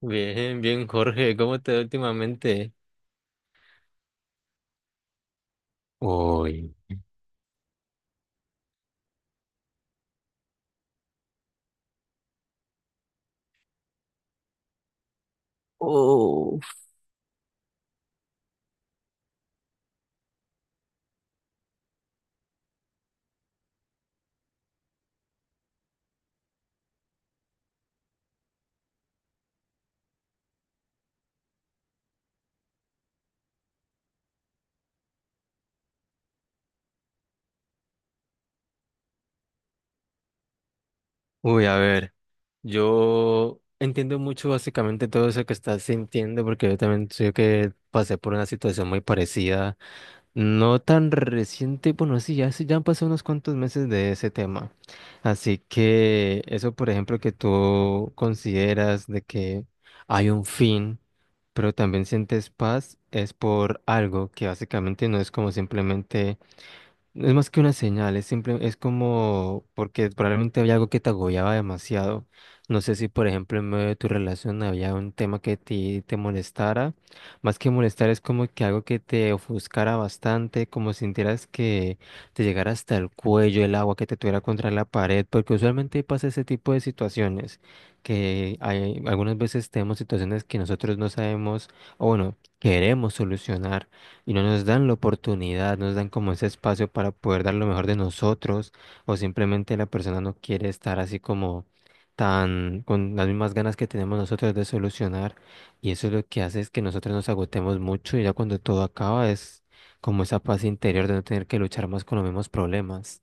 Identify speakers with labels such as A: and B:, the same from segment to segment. A: Bien, bien, Jorge, ¿cómo te va últimamente? Uy. Oh, uy, a ver, yo entiendo mucho básicamente todo eso que estás sintiendo porque yo también sé que pasé por una situación muy parecida, no tan reciente, bueno, sí, ya, ya han pasado unos cuantos meses de ese tema. Así que eso, por ejemplo, que tú consideras de que hay un fin, pero también sientes paz, es por algo que básicamente no es como simplemente... Es más que una señal, es simple, es como porque probablemente había algo que te agobiaba demasiado. No sé si, por ejemplo, en medio de tu relación había un tema que te molestara. Más que molestar, es como que algo que te ofuscara bastante, como si sintieras que te llegara hasta el cuello el agua, que te tuviera contra la pared, porque usualmente pasa ese tipo de situaciones, que hay, algunas veces tenemos situaciones que nosotros no sabemos, o bueno, queremos solucionar y no nos dan la oportunidad, no nos dan como ese espacio para poder dar lo mejor de nosotros, o simplemente la persona no quiere estar así como tan con las mismas ganas que tenemos nosotros de solucionar, y eso es lo que hace es que nosotros nos agotemos mucho y ya cuando todo acaba es como esa paz interior de no tener que luchar más con los mismos problemas.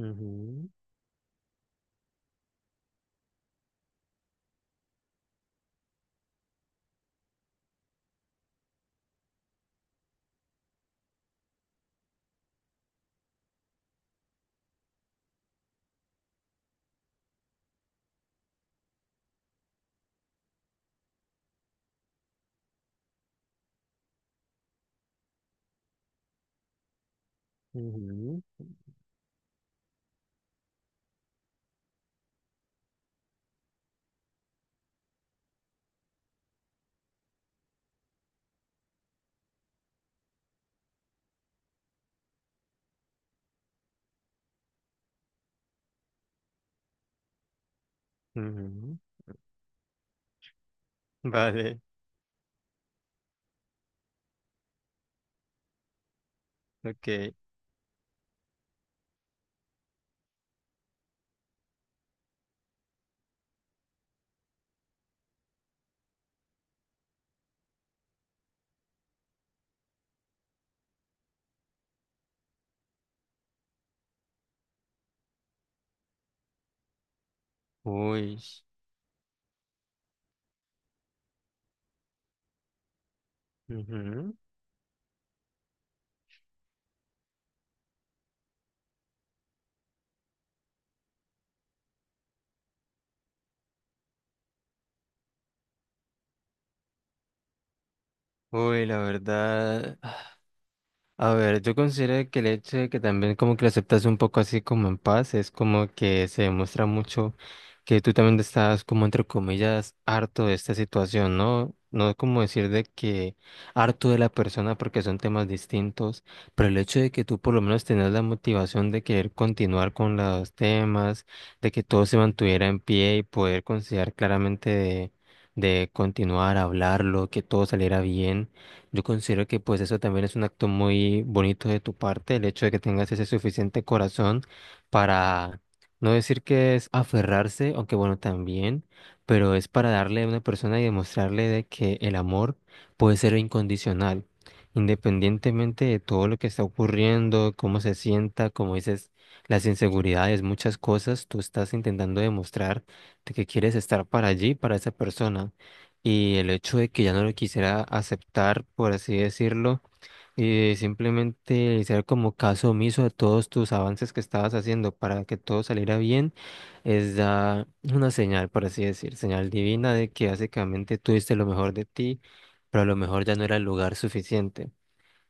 A: Ujú, ujú, ujú. Vale, ok. Uy, ujú. Uy, la verdad. A ver, yo considero que el hecho de que también como que lo aceptas un poco así como en paz, es como que se demuestra mucho que tú también estás como entre comillas harto de esta situación, ¿no? No es como decir de que harto de la persona porque son temas distintos, pero el hecho de que tú por lo menos tenías la motivación de querer continuar con los temas, de que todo se mantuviera en pie y poder considerar claramente de continuar, hablarlo, que todo saliera bien. Yo considero que pues eso también es un acto muy bonito de tu parte, el hecho de que tengas ese suficiente corazón para no decir que es aferrarse, aunque bueno, también, pero es para darle a una persona y demostrarle de que el amor puede ser incondicional, independientemente de todo lo que está ocurriendo, cómo se sienta, como dices, las inseguridades, muchas cosas, tú estás intentando demostrar de que quieres estar para allí, para esa persona. Y el hecho de que ya no lo quisiera aceptar, por así decirlo, y simplemente hacer como caso omiso de todos tus avances que estabas haciendo para que todo saliera bien, es ya una señal, por así decir, señal divina de que básicamente tuviste lo mejor de ti, pero a lo mejor ya no era el lugar suficiente.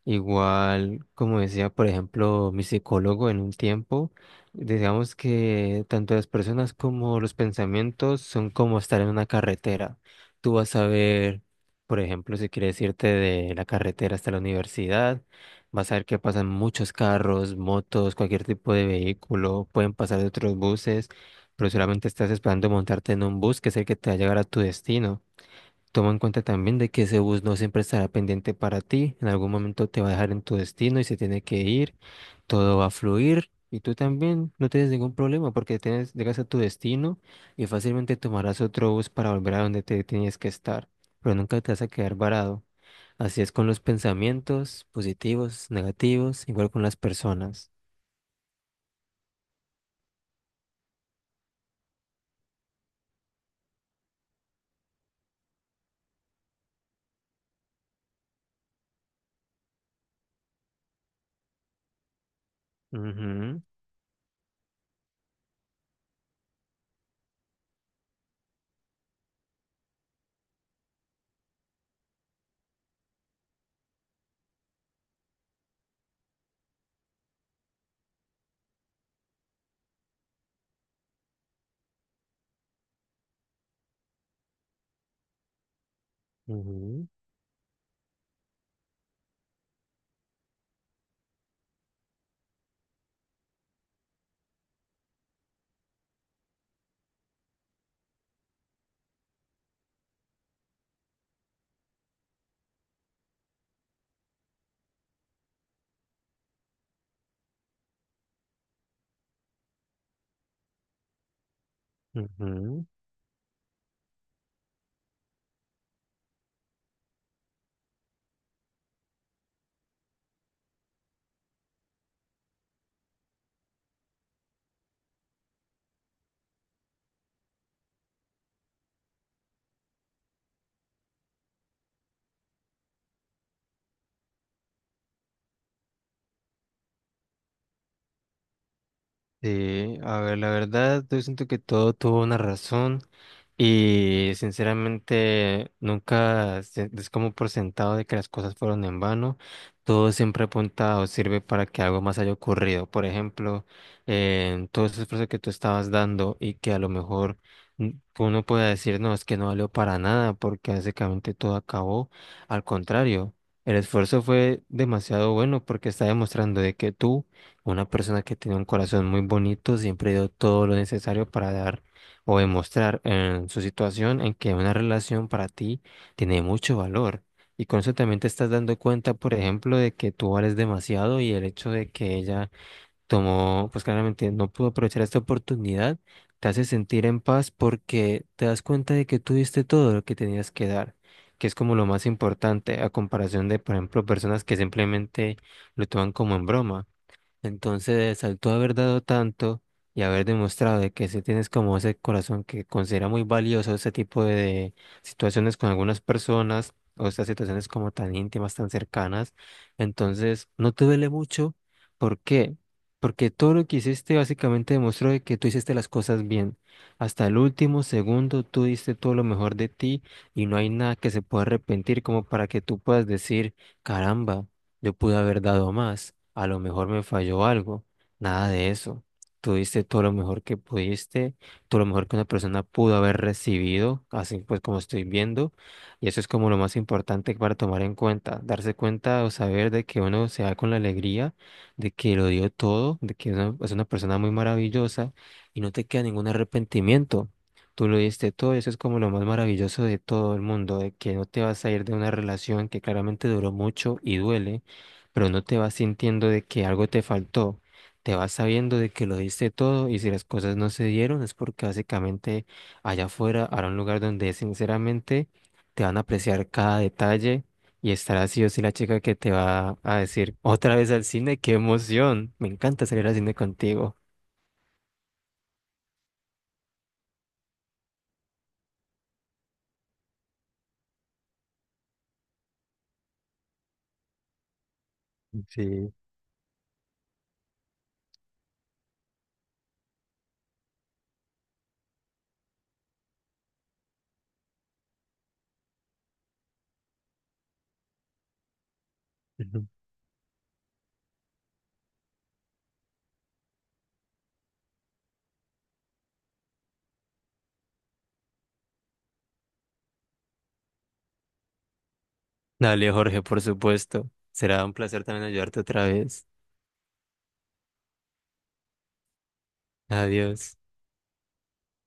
A: Igual, como decía, por ejemplo, mi psicólogo en un tiempo, digamos que tanto las personas como los pensamientos son como estar en una carretera. Tú vas a ver, por ejemplo, si quieres irte de la carretera hasta la universidad, vas a ver que pasan muchos carros, motos, cualquier tipo de vehículo, pueden pasar de otros buses, pero solamente estás esperando montarte en un bus que es el que te va a llegar a tu destino. Toma en cuenta también de que ese bus no siempre estará pendiente para ti, en algún momento te va a dejar en tu destino y se tiene que ir, todo va a fluir y tú también no tienes ningún problema porque tienes, llegas a tu destino y fácilmente tomarás otro bus para volver a donde te tenías que estar, pero nunca te vas a quedar varado. Así es con los pensamientos positivos, negativos, igual con las personas. Ujú, ujú, ujú. Sí, a ver, la verdad, yo siento que todo tuvo una razón y sinceramente nunca es como por sentado de que las cosas fueron en vano. Todo siempre apunta o sirve para que algo más haya ocurrido. Por ejemplo, en todo ese esfuerzo que tú estabas dando y que a lo mejor mm, uno pueda decir, no, es que no valió para nada porque básicamente todo acabó. Al contrario, el esfuerzo fue demasiado bueno porque está demostrando de que tú una persona que tiene un corazón muy bonito siempre dio todo lo necesario para dar o demostrar en su situación en que una relación para ti tiene mucho valor. Y con eso también te estás dando cuenta, por ejemplo, de que tú vales demasiado y el hecho de que ella tomó, pues claramente no pudo aprovechar esta oportunidad, te hace sentir en paz porque te das cuenta de que tú diste todo lo que tenías que dar, que es como lo más importante a comparación de, por ejemplo, personas que simplemente lo toman como en broma. Entonces, al tú haber dado tanto y haber demostrado de que sí tienes como ese corazón que considera muy valioso ese tipo de situaciones con algunas personas o estas situaciones como tan íntimas, tan cercanas, entonces no te duele mucho. ¿Por qué? Porque todo lo que hiciste básicamente demostró de que tú hiciste las cosas bien. Hasta el último segundo tú diste todo lo mejor de ti y no hay nada que se pueda arrepentir como para que tú puedas decir, caramba. Yo pude haber dado más, a lo mejor me falló algo, nada de eso. Tú diste todo lo mejor que pudiste, todo lo mejor que una persona pudo haber recibido, así pues como estoy viendo, y eso es como lo más importante para tomar en cuenta, darse cuenta o saber de que uno se da con la alegría, de que lo dio todo, de que uno es una persona muy maravillosa y no te queda ningún arrepentimiento. Tú lo diste todo, y eso es como lo más maravilloso de todo el mundo, de que no te vas a ir de una relación que claramente duró mucho y duele pero no te vas sintiendo de que algo te faltó, te vas sabiendo de que lo diste todo y si las cosas no se dieron es porque básicamente allá afuera hará un lugar donde sinceramente te van a apreciar cada detalle y estará sí o sí la chica que te va a decir otra vez al cine, qué emoción, me encanta salir al cine contigo. Sí. Ujú. Dale, Jorge, por supuesto, será un placer también ayudarte otra vez. Adiós.